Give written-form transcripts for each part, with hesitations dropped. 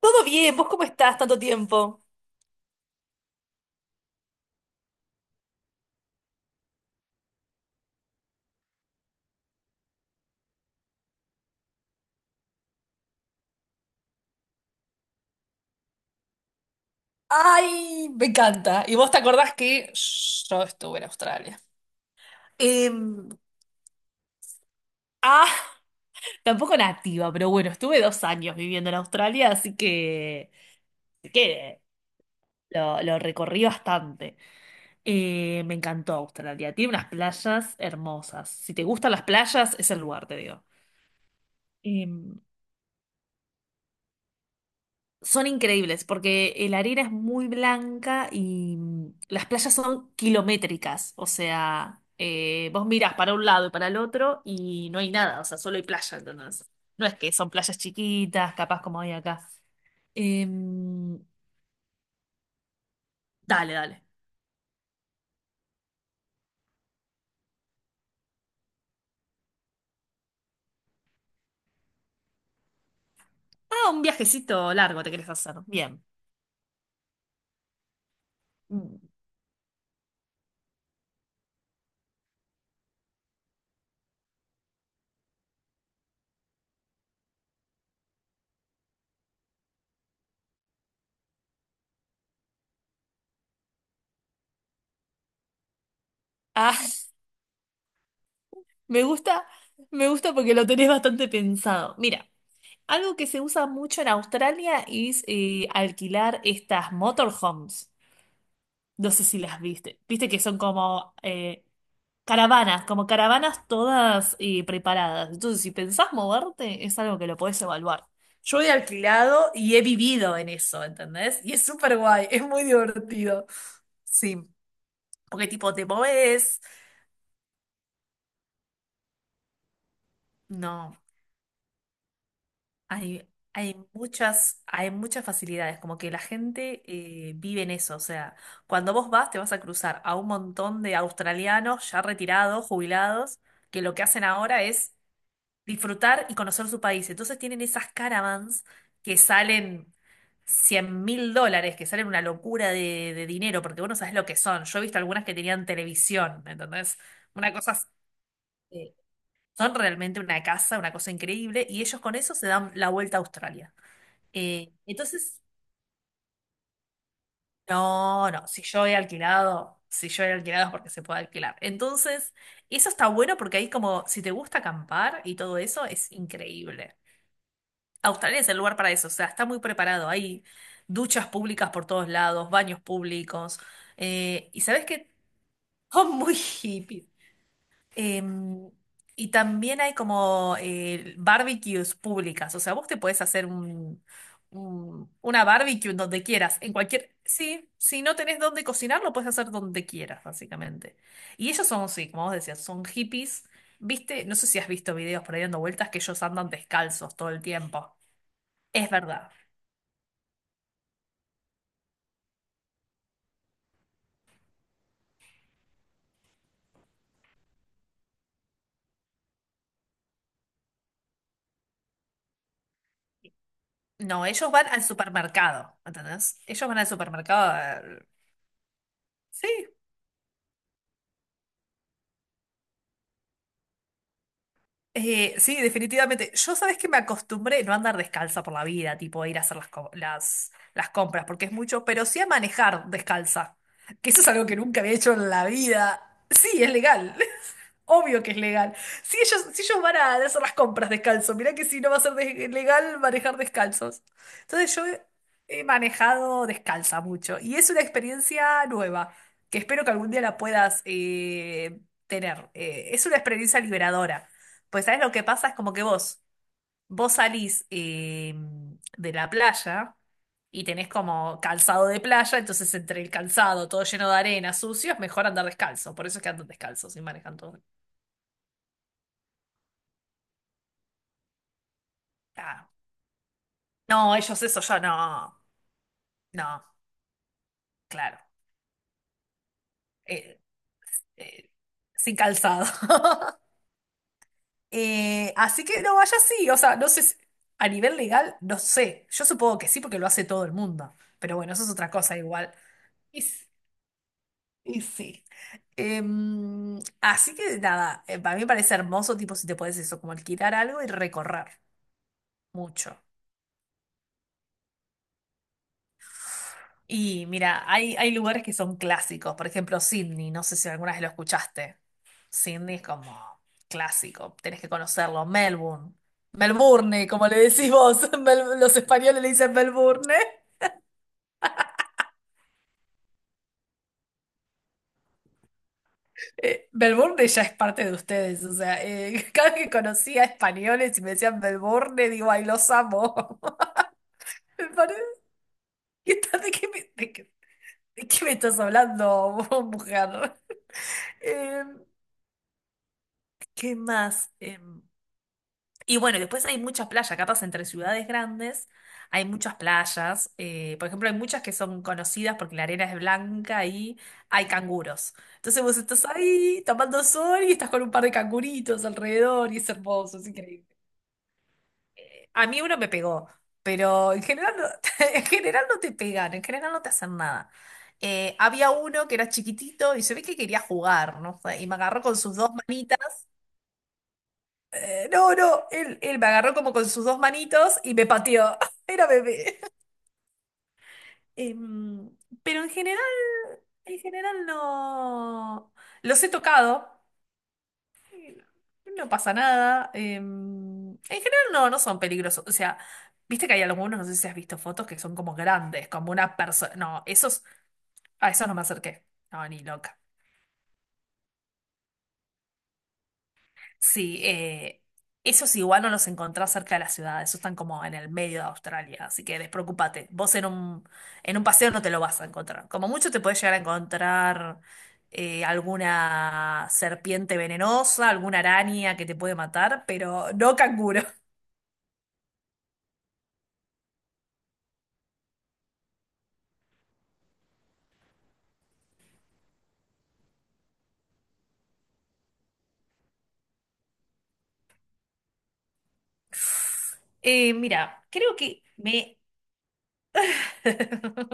Todo bien, ¿vos cómo estás tanto tiempo? Ay, me encanta. ¿Y vos te acordás que yo estuve en Australia? Em, ah, tampoco nativa, pero bueno, estuve 2 años viviendo en Australia, así que, así que lo recorrí bastante. Me encantó Australia, tiene unas playas hermosas. Si te gustan las playas, es el lugar, te digo. Em, Son increíbles porque la arena es muy blanca y las playas son kilométricas. O sea, vos mirás para un lado y para el otro y no hay nada, o sea, solo hay playa, ¿entendés? No es que son playas chiquitas, capaz como hay acá. Em, dale, dale. Ah, un viajecito largo te querés hacer. Bien. Mm. Ah, me gusta, me gusta porque lo tenés bastante pensado. Mira, algo que se usa mucho en Australia es alquilar estas motorhomes. No sé si las viste. Viste que son como caravanas, como caravanas todas preparadas. Entonces, si pensás moverte, es algo que lo podés evaluar. Yo he alquilado y he vivido en eso, ¿entendés? Y es súper guay, es muy divertido. Sí, porque tipo te movés. No, hay, hay muchas facilidades, como que la gente vive en eso. O sea, cuando vos vas, te vas a cruzar a un montón de australianos ya retirados, jubilados, que lo que hacen ahora es disfrutar y conocer su país. Entonces tienen esas caravans que salen $100.000, que salen una locura de dinero, porque vos no sabés lo que son. Yo he visto algunas que tenían televisión, ¿entendés? Una cosa, eh, son realmente una casa, una cosa increíble, y ellos con eso se dan la vuelta a Australia. Entonces, no, no, si yo he alquilado, si yo he alquilado es porque se puede alquilar. Entonces, eso está bueno porque ahí como, si te gusta acampar y todo eso, es increíble. Australia es el lugar para eso, o sea, está muy preparado. Hay duchas públicas por todos lados, baños públicos. Y sabes que son muy hippies. Em, y también hay como barbecues públicas. O sea, vos te podés hacer una barbecue en donde quieras. En cualquier. Sí, si no tenés dónde cocinar, lo puedes hacer donde quieras, básicamente. Y ellos son, sí, como vos decías, son hippies. ¿Viste? No sé si has visto videos por ahí dando vueltas que ellos andan descalzos todo el tiempo. Es verdad. No, ellos van al supermercado, ¿entendés? Ellos van al supermercado. Sí, sí, definitivamente. Yo sabes que me acostumbré no a andar descalza por la vida, tipo a ir a hacer las compras, porque es mucho, pero sí a manejar descalza, que eso es algo que nunca había hecho en la vida. Sí, es legal. Obvio que es legal. Si ellos van a hacer las compras descalzos, mirá que si no va a ser legal manejar descalzos. Entonces yo he manejado descalza mucho y es una experiencia nueva que espero que algún día la puedas tener. Es una experiencia liberadora. Pues sabes lo que pasa es como que vos salís de la playa y tenés como calzado de playa, entonces entre el calzado todo lleno de arena, sucio, es mejor andar descalzo. Por eso es que andan descalzos y manejan todo. Ah, no, ellos eso ya no, no, claro, eh, eh, sin calzado. Así que no, vaya sí, o sea, no sé, a nivel legal, no sé, yo supongo que sí porque lo hace todo el mundo, pero bueno, eso es otra cosa igual. Y, s- y sí. Así que nada, para mí me parece hermoso, tipo, si te puedes eso, como alquilar algo y recorrer mucho. Y mira, hay lugares que son clásicos, por ejemplo, Sydney, no sé si alguna vez lo escuchaste. Sydney es como clásico, tenés que conocerlo. Melbourne, Melbourne, como le decís vos, los españoles le dicen Melbourne. Melbourne ya es parte de ustedes, o sea, cada vez que conocía españoles y me decían Melbourne, digo, ay, los amo. Me parece- ¿qué tal- ¿De qué me, de qué- de qué- me estás hablando, mujer? Eh, ¿qué más? Y bueno, y después hay muchas playas, capaz entre ciudades grandes hay muchas playas. Por ejemplo, hay muchas que son conocidas porque la arena es blanca y hay canguros. Entonces vos estás ahí tomando sol y estás con un par de canguritos alrededor y es hermoso, es increíble. A mí uno me pegó, pero en general no, en general no te pegan, en general no te hacen nada. Había uno que era chiquitito y se ve que quería jugar, ¿no? Y me agarró con sus dos manitas no, no, él me agarró como con sus dos manitos y me pateó. Era bebé. Em, pero en general no. Los he tocado. eh, No pasa nada. En general no, no son peligrosos. O sea, viste que hay algunos, no sé si has visto fotos que son como grandes, como una persona. No, esos, a esos no me acerqué. No, ni loca. Sí, esos igual no los encontrás cerca de la ciudad, esos están como en el medio de Australia, así que despreocúpate. Vos en un paseo no te lo vas a encontrar. Como mucho te puedes llegar a encontrar alguna serpiente venenosa, alguna araña que te puede matar, pero no canguro. Mira, creo que me...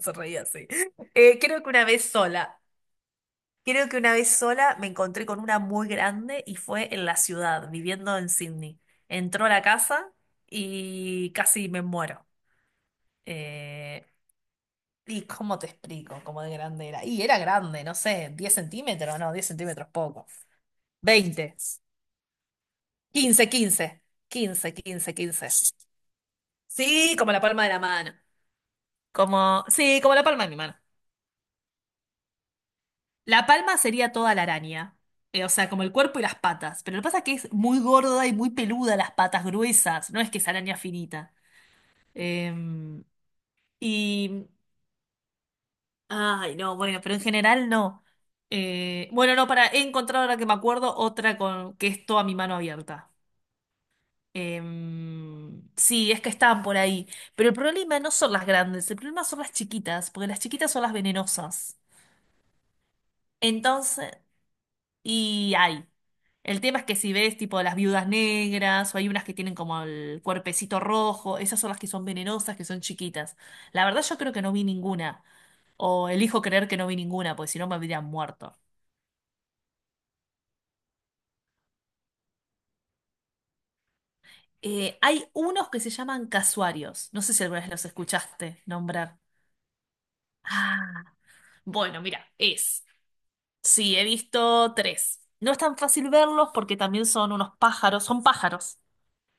Se reía así. Creo que una vez sola. Creo que una vez sola me encontré con una muy grande y fue en la ciudad, viviendo en Sydney. Entró a la casa y casi me muero. Eh, ¿y cómo te explico cómo de grande era? Y era grande, no sé, 10 cm, no, 10 cm poco. 20, 15, 15, 15, 15, 15. Sí, como la palma de la mano. Como, sí, como la palma de mi mano. La palma sería toda la araña. O sea, como el cuerpo y las patas. Pero lo que pasa es que es muy gorda y muy peluda las patas gruesas. No es que es araña finita. Em, y. Ay, no, bueno, pero en general no. Bueno, no, para. He encontrado ahora que me acuerdo otra con que es toda mi mano abierta. Sí, es que estaban por ahí. Pero el problema no son las grandes, el problema son las chiquitas, porque las chiquitas son las venenosas. Entonces. Y hay. El tema es que si ves tipo las viudas negras o hay unas que tienen como el cuerpecito rojo, esas son las que son venenosas, que son chiquitas. La verdad yo creo que no vi ninguna. O elijo creer que no vi ninguna, porque si no me habrían muerto. Hay unos que se llaman casuarios. No sé si alguna vez los escuchaste nombrar. Ah, bueno, mira, es. Sí, he visto tres. No es tan fácil verlos porque también son unos pájaros, son pájaros.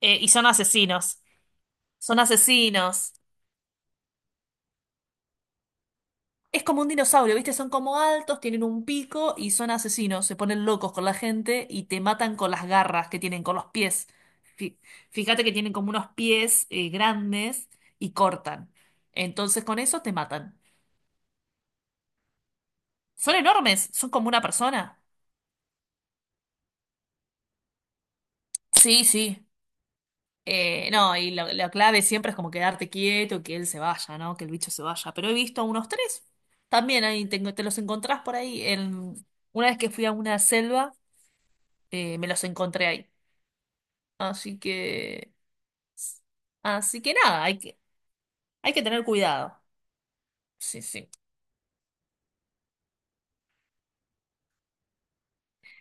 Y son asesinos. Son asesinos. Es como un dinosaurio, ¿viste? Son como altos, tienen un pico y son asesinos. Se ponen locos con la gente y te matan con las garras que tienen, con los pies. Fi- Fíjate que tienen como unos pies grandes y cortan. Entonces con eso te matan. Son enormes, son como una persona. Sí, sí. No, y la clave siempre es como quedarte quieto, que él se vaya, ¿no? Que el bicho se vaya. Pero he visto unos tres. También ahí te los encontrás por ahí. Una vez que fui a una selva, me los encontré ahí. Así que, nada, hay que tener cuidado. Sí, sí.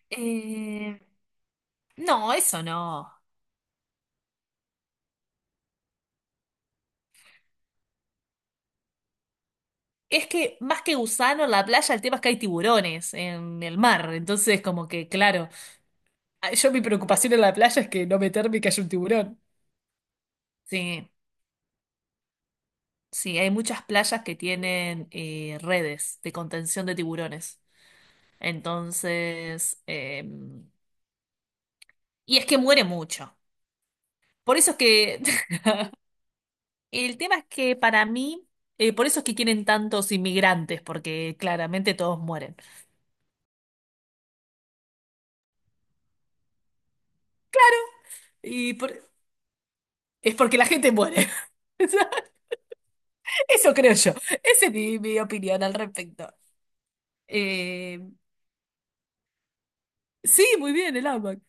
Eh, no, eso no. Es que más que gusano en la playa, el tema es que hay tiburones en el mar. Entonces, como que, claro, ah, yo mi preocupación en la playa es que no meterme y que haya un tiburón. Sí, sí, hay muchas playas que tienen redes de contención de tiburones. Entonces, y es que muere mucho. Por eso es que el tema es que para mí, por eso es que quieren tantos inmigrantes, porque claramente todos mueren. Y por- es porque la gente muere. O sea, eso creo yo. Esa es mi, mi opinión al respecto. Eh, sí, muy bien, el AMAC.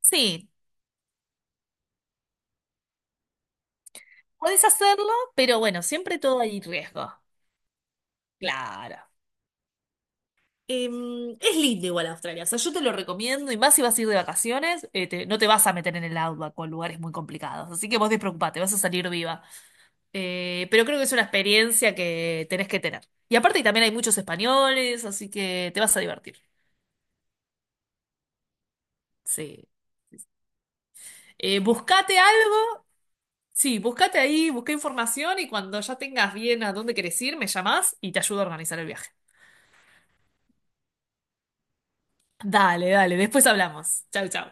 Sí, podés hacerlo, pero bueno, siempre todo hay riesgo. Claro. Es lindo igual Australia, o sea, yo te lo recomiendo y más si vas a ir de vacaciones, no te vas a meter en el outback o en lugares muy complicados, así que vos despreocupate, vas a salir viva. Pero creo que es una experiencia que tenés que tener. Y aparte también hay muchos españoles, así que te vas a divertir. Sí. Buscate algo, sí, buscate ahí, busca información y cuando ya tengas bien a dónde querés ir, me llamás y te ayudo a organizar el viaje. Dale, dale, después hablamos. Chau, chau.